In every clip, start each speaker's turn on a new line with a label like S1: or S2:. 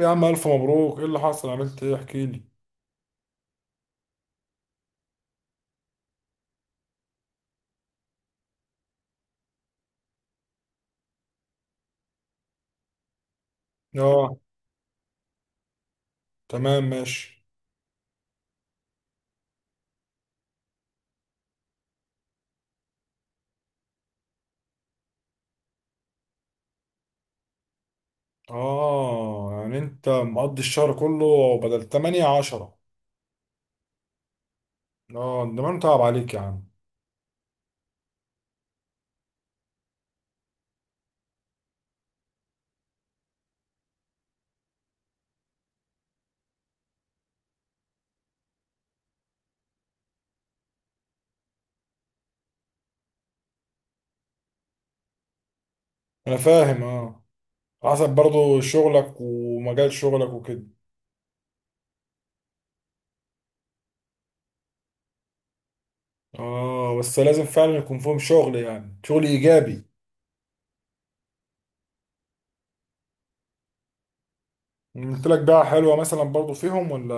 S1: يا عم، ألف مبروك! إيه اللي حصل؟ عملت إيه؟ احكي لي. آه. تمام، ماشي. آه، يعني أنت مقضي الشهر كله بدل 8 10؟ آه، ده ما أنا متعب عليك يا عم. أنا فاهم، آه. حسب برضو شغلك ومجال شغلك وكده. آه، بس لازم فعلا يكون فيهم شغل، يعني شغل إيجابي. قلت لك بقى، حلوة مثلا برضو فيهم ولا؟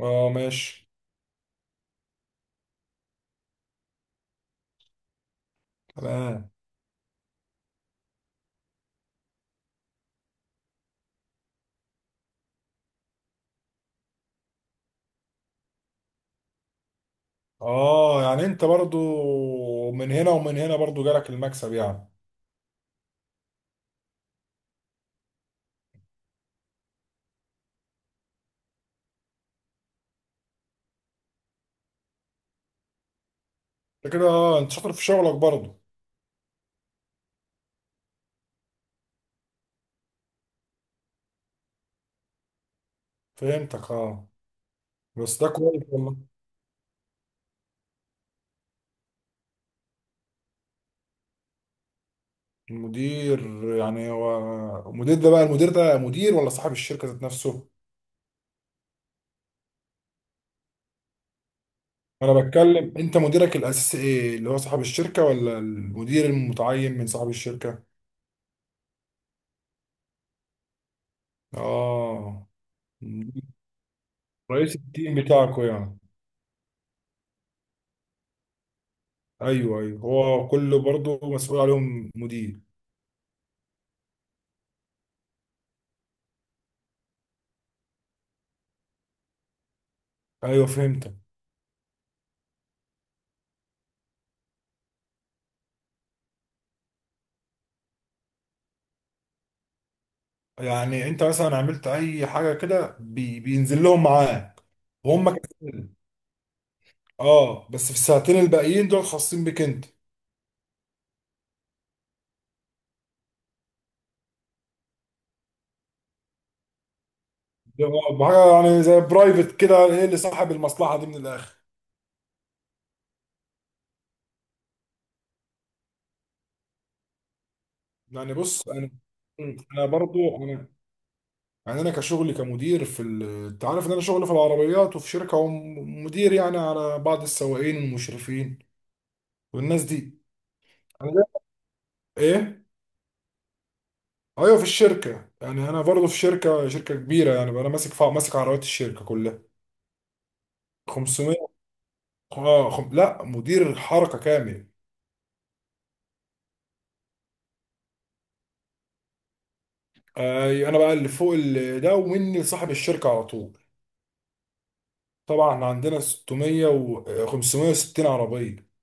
S1: آه ماشي. تمام. آه يعني أنت برضو من هنا ومن هنا برضو جالك المكسب يعني. انت كده اه انت شاطر في شغلك برضه. فهمتك، اه. بس ده كويس والله. المدير؟ يعني هو المدير ده بقى، المدير ده مدير ولا صاحب الشركة ذات نفسه؟ انا بتكلم، انت مديرك الاساسي ايه؟ اللي هو صاحب الشركة ولا المدير المتعين من صاحب الشركة؟ اه. رئيس التيم بتاعكوا يعني. ايوه، ايوه، هو كله برضه مسؤول عليهم مدير. ايوه فهمتك. يعني انت مثلا عملت اي حاجة كده بينزل لهم معاك. وهم كسلان. اه بس في الساعتين الباقيين دول خاصين بيك انت. ده بحاجه يعني زي برايفت كده، هي اللي صاحب المصلحه دي من الاخر. يعني بص انا برضو. انا يعني انا كشغلي كمدير انت عارف ان انا شغلي في العربيات وفي شركه، ومدير يعني على بعض السواقين والمشرفين والناس دي. انا ده- ايه، ايوه في الشركه، يعني انا برضو في شركه كبيره يعني، بقى انا ماسك ماسك عربيات الشركه كلها. 500. اه لا، مدير حركه كامل. اي انا بقى اللي فوق ده، ومني لصاحب الشركه على طول. طبعا عندنا 600 و 560 عربيه.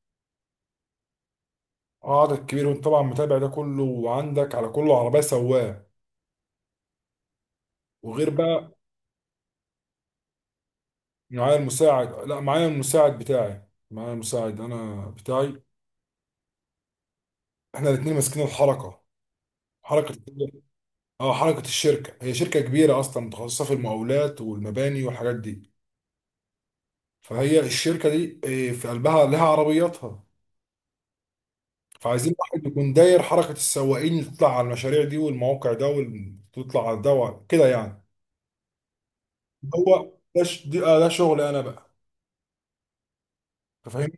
S1: عدد كبير، وانت طبعا متابع ده كله، وعندك على كله عربيه سواق. وغير بقى، معايا المساعد لا معايا المساعد انا بتاعي. احنا الاثنين ماسكين الحركه. حركه. اه الشركه، هي شركه كبيره اصلا، متخصصه في المقاولات والمباني والحاجات دي. فهي الشركه دي في قلبها لها عربياتها. فعايزين واحد يكون داير حركة السواقين اللي تطلع على المشاريع دي والمواقع ده، وتطلع على ده كده يعني. هو ده ش... دي... آه ده شغل انا بقى. انت فاهم.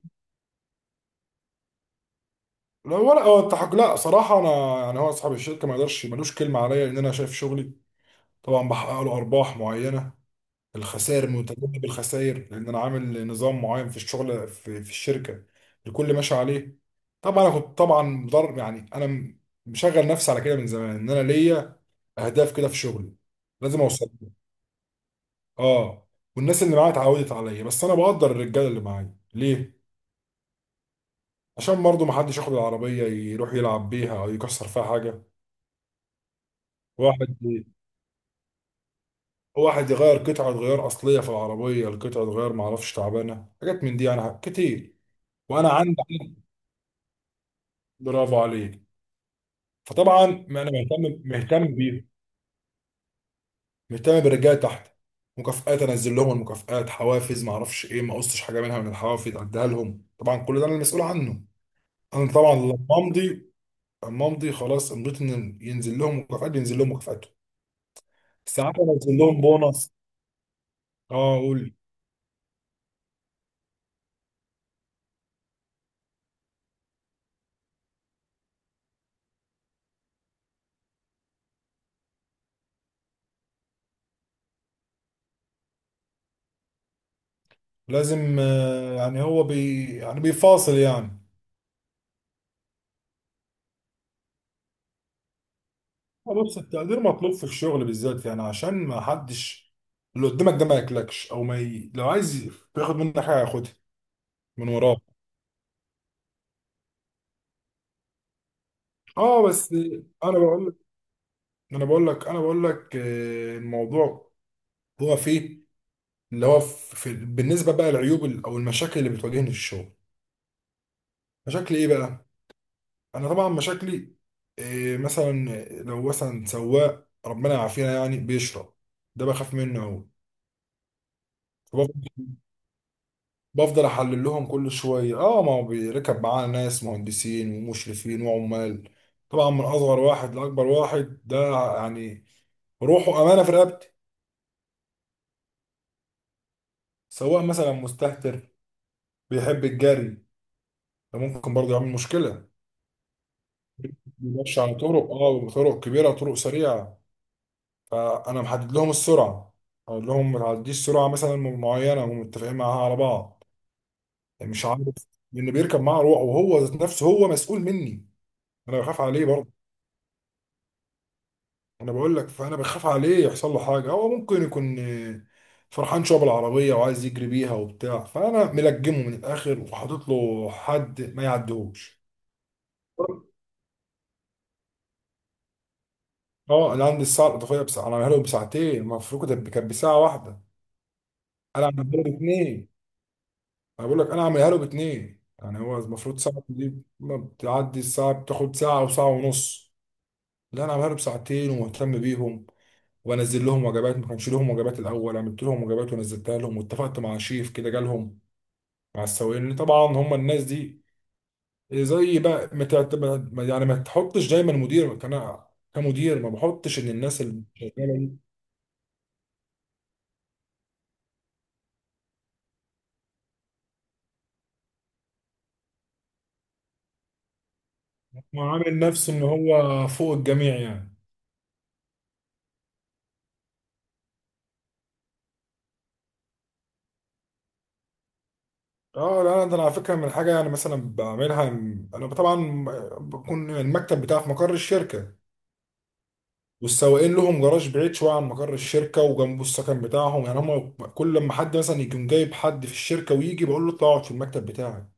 S1: لا، ولا هو التحق، لا صراحة انا يعني، هو اصحاب الشركة ما يقدرش، ملوش كلمة عليا، لان انا شايف شغلي. طبعا بحقق له ارباح معينة، الخسائر متجنب الخسائر، لان انا عامل نظام معين في الشغل في الشركة. الكل ماشي عليه. طبعا انا كنت طبعا مضر، يعني انا مشغل نفسي على كده من زمان، ان انا ليا اهداف كده في شغلي. لازم اوصل. اه. والناس اللي معايا اتعودت عليا، بس انا بقدر الرجاله اللي معايا ليه. عشان برضه ما حدش ياخد العربيه يروح يلعب بيها او يكسر فيها حاجه. واحد واحد يغير قطعه غيار اصليه في العربيه، القطعه غيار ما اعرفش تعبانه، حاجات من دي انا كتير. وانا عندي. برافو عليك. فطبعا ما انا مهتم بيهم. مهتم بالرجاله تحت. مكافآت، انزل لهم المكافآت، حوافز، ما اعرفش ايه، ما قصتش حاجه منها من الحوافز، اديها لهم، طبعا كل ده انا المسؤول عنه. انا طبعا لما امضي، اما امضي خلاص امضيت، ان ينزل لهم مكافآت، بينزل لهم مكافآتهم. ساعات انزل لهم بونص. اه قول. لازم يعني هو يعني بيفاصل يعني. بس التقدير مطلوب في الشغل بالذات، يعني عشان ما حدش، اللي قدامك ده ما ياكلكش، او ما ي... لو عايز ياخد منك حاجه ياخدها من وراك. اه بس. انا بقول لك انا بقول لك انا بقول لك الموضوع هو فيه، اللي هو في... في... بالنسبه بقى للعيوب، او المشاكل اللي بتواجهني في الشغل. مشاكل ايه بقى؟ انا طبعا مشاكلي إيه مثلا؟ لو مثلا سواق ربنا يعافينا يعني بيشرب، ده بخاف منه اهو. فبف- بفضل احلل لهم كل شويه. اه، ما هو بيركب معانا ناس مهندسين ومشرفين وعمال، طبعا من اصغر واحد لاكبر واحد ده، يعني روحه امانه في رقبتي. سواق مثلا مستهتر، بيحب الجري، ده ممكن برضه يعمل مشكله. بيمشي على طرق، طرق كبيره، طرق سريعه. فانا محدد لهم السرعه، اقول لهم ما تعديش سرعه مثلا معينه، ومتفقين معاها على بعض، يعني مش عارف، لان بيركب معاه روح، وهو ذات نفسه هو مسؤول مني، انا بخاف عليه برضه. انا بقول لك، فانا بخاف عليه يحصل له حاجه، هو ممكن يكون فرحان شويه بالعربيه وعايز يجري بيها وبتاع، فانا ملجمه من الاخر وحاطط له حد ما يعديهوش. اه، انا عندي الساعه الاضافيه بساعه، انا عاملها له بساعتين، المفروض كانت بساعه واحده، انا عاملها له باتنين. انا بقول لك، انا عاملها له باتنين، يعني هو المفروض ساعه دي، ما بتعدي الساعه، بتاخد ساعه وساعه ونص، لا انا عاملها له بساعتين ومهتم بيهم. وبنزل لهم وجبات، ما كانش لهم وجبات الاول، عملت لهم وجبات ونزلتها لهم، واتفقت مع شيف كده جالهم، مع السواقين طبعا هم الناس دي. زي بقى ما تعت- ما- يعني ما تحطش دايما، مدير كان، كمدير ما بحطش ان الناس اللي شغاله دي، هو عامل نفسه ان هو فوق الجميع يعني. اه لا، ده انا على فكره من حاجه يعني مثلا بعملها، انا طبعا بكون المكتب بتاعي في مقر الشركه، والسواقين لهم جراج بعيد شويه عن مقر الشركه، وجنبه السكن بتاعهم، يعني هم كل لما حد مثلا يكون جايب حد في الشركه ويجي، بقول له اطلع اقعد في المكتب بتاعي، ما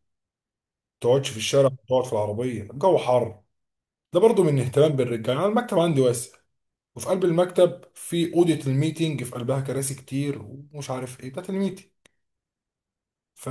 S1: تقعدش في الشارع، ما تقعد في العربيه، الجو حر، ده برضو من اهتمام بالرجاله. يعني المكتب عندي واسع، وفي قلب المكتب في اوضه الميتينج، في قلبها كراسي كتير، ومش عارف ايه، بتاعت الميتينج ف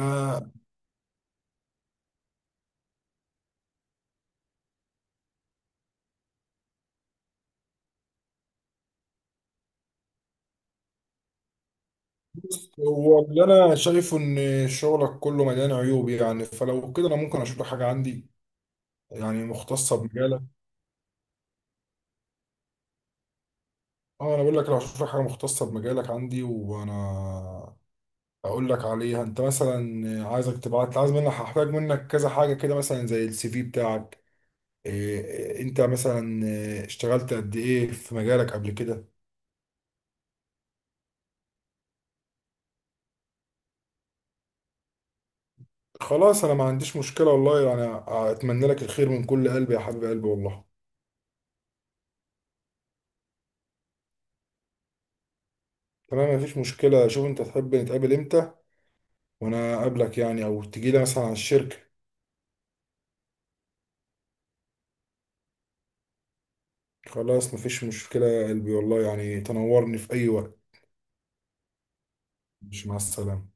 S1: بص، هو اللي انا شايفه ان شغلك كله مليان عيوب، يعني فلو كده، انا ممكن اشوف لك حاجه عندي يعني مختصه بمجالك. اه انا بقول لك، لو اشوف لك حاجه مختصه بمجالك عندي، وانا اقول لك عليها، انت مثلا عايزك تبعت، عايز منك، هحتاج منك كذا حاجه كده مثلا، زي السي في بتاعك، إيه انت مثلا، اشتغلت قد ايه في مجالك قبل كده. خلاص، انا ما عنديش مشكله والله يعني، اتمنى لك الخير من كل قلبي يا حبيب قلبي والله. تمام، مفيش مشكله، شوف انت تحب نتقابل امتى، وانا اقابلك، يعني او تجي لي مثلا على الشركة. خلاص مفيش مشكلة يا قلبي والله، يعني تنورني في اي وقت. مش، مع السلامة.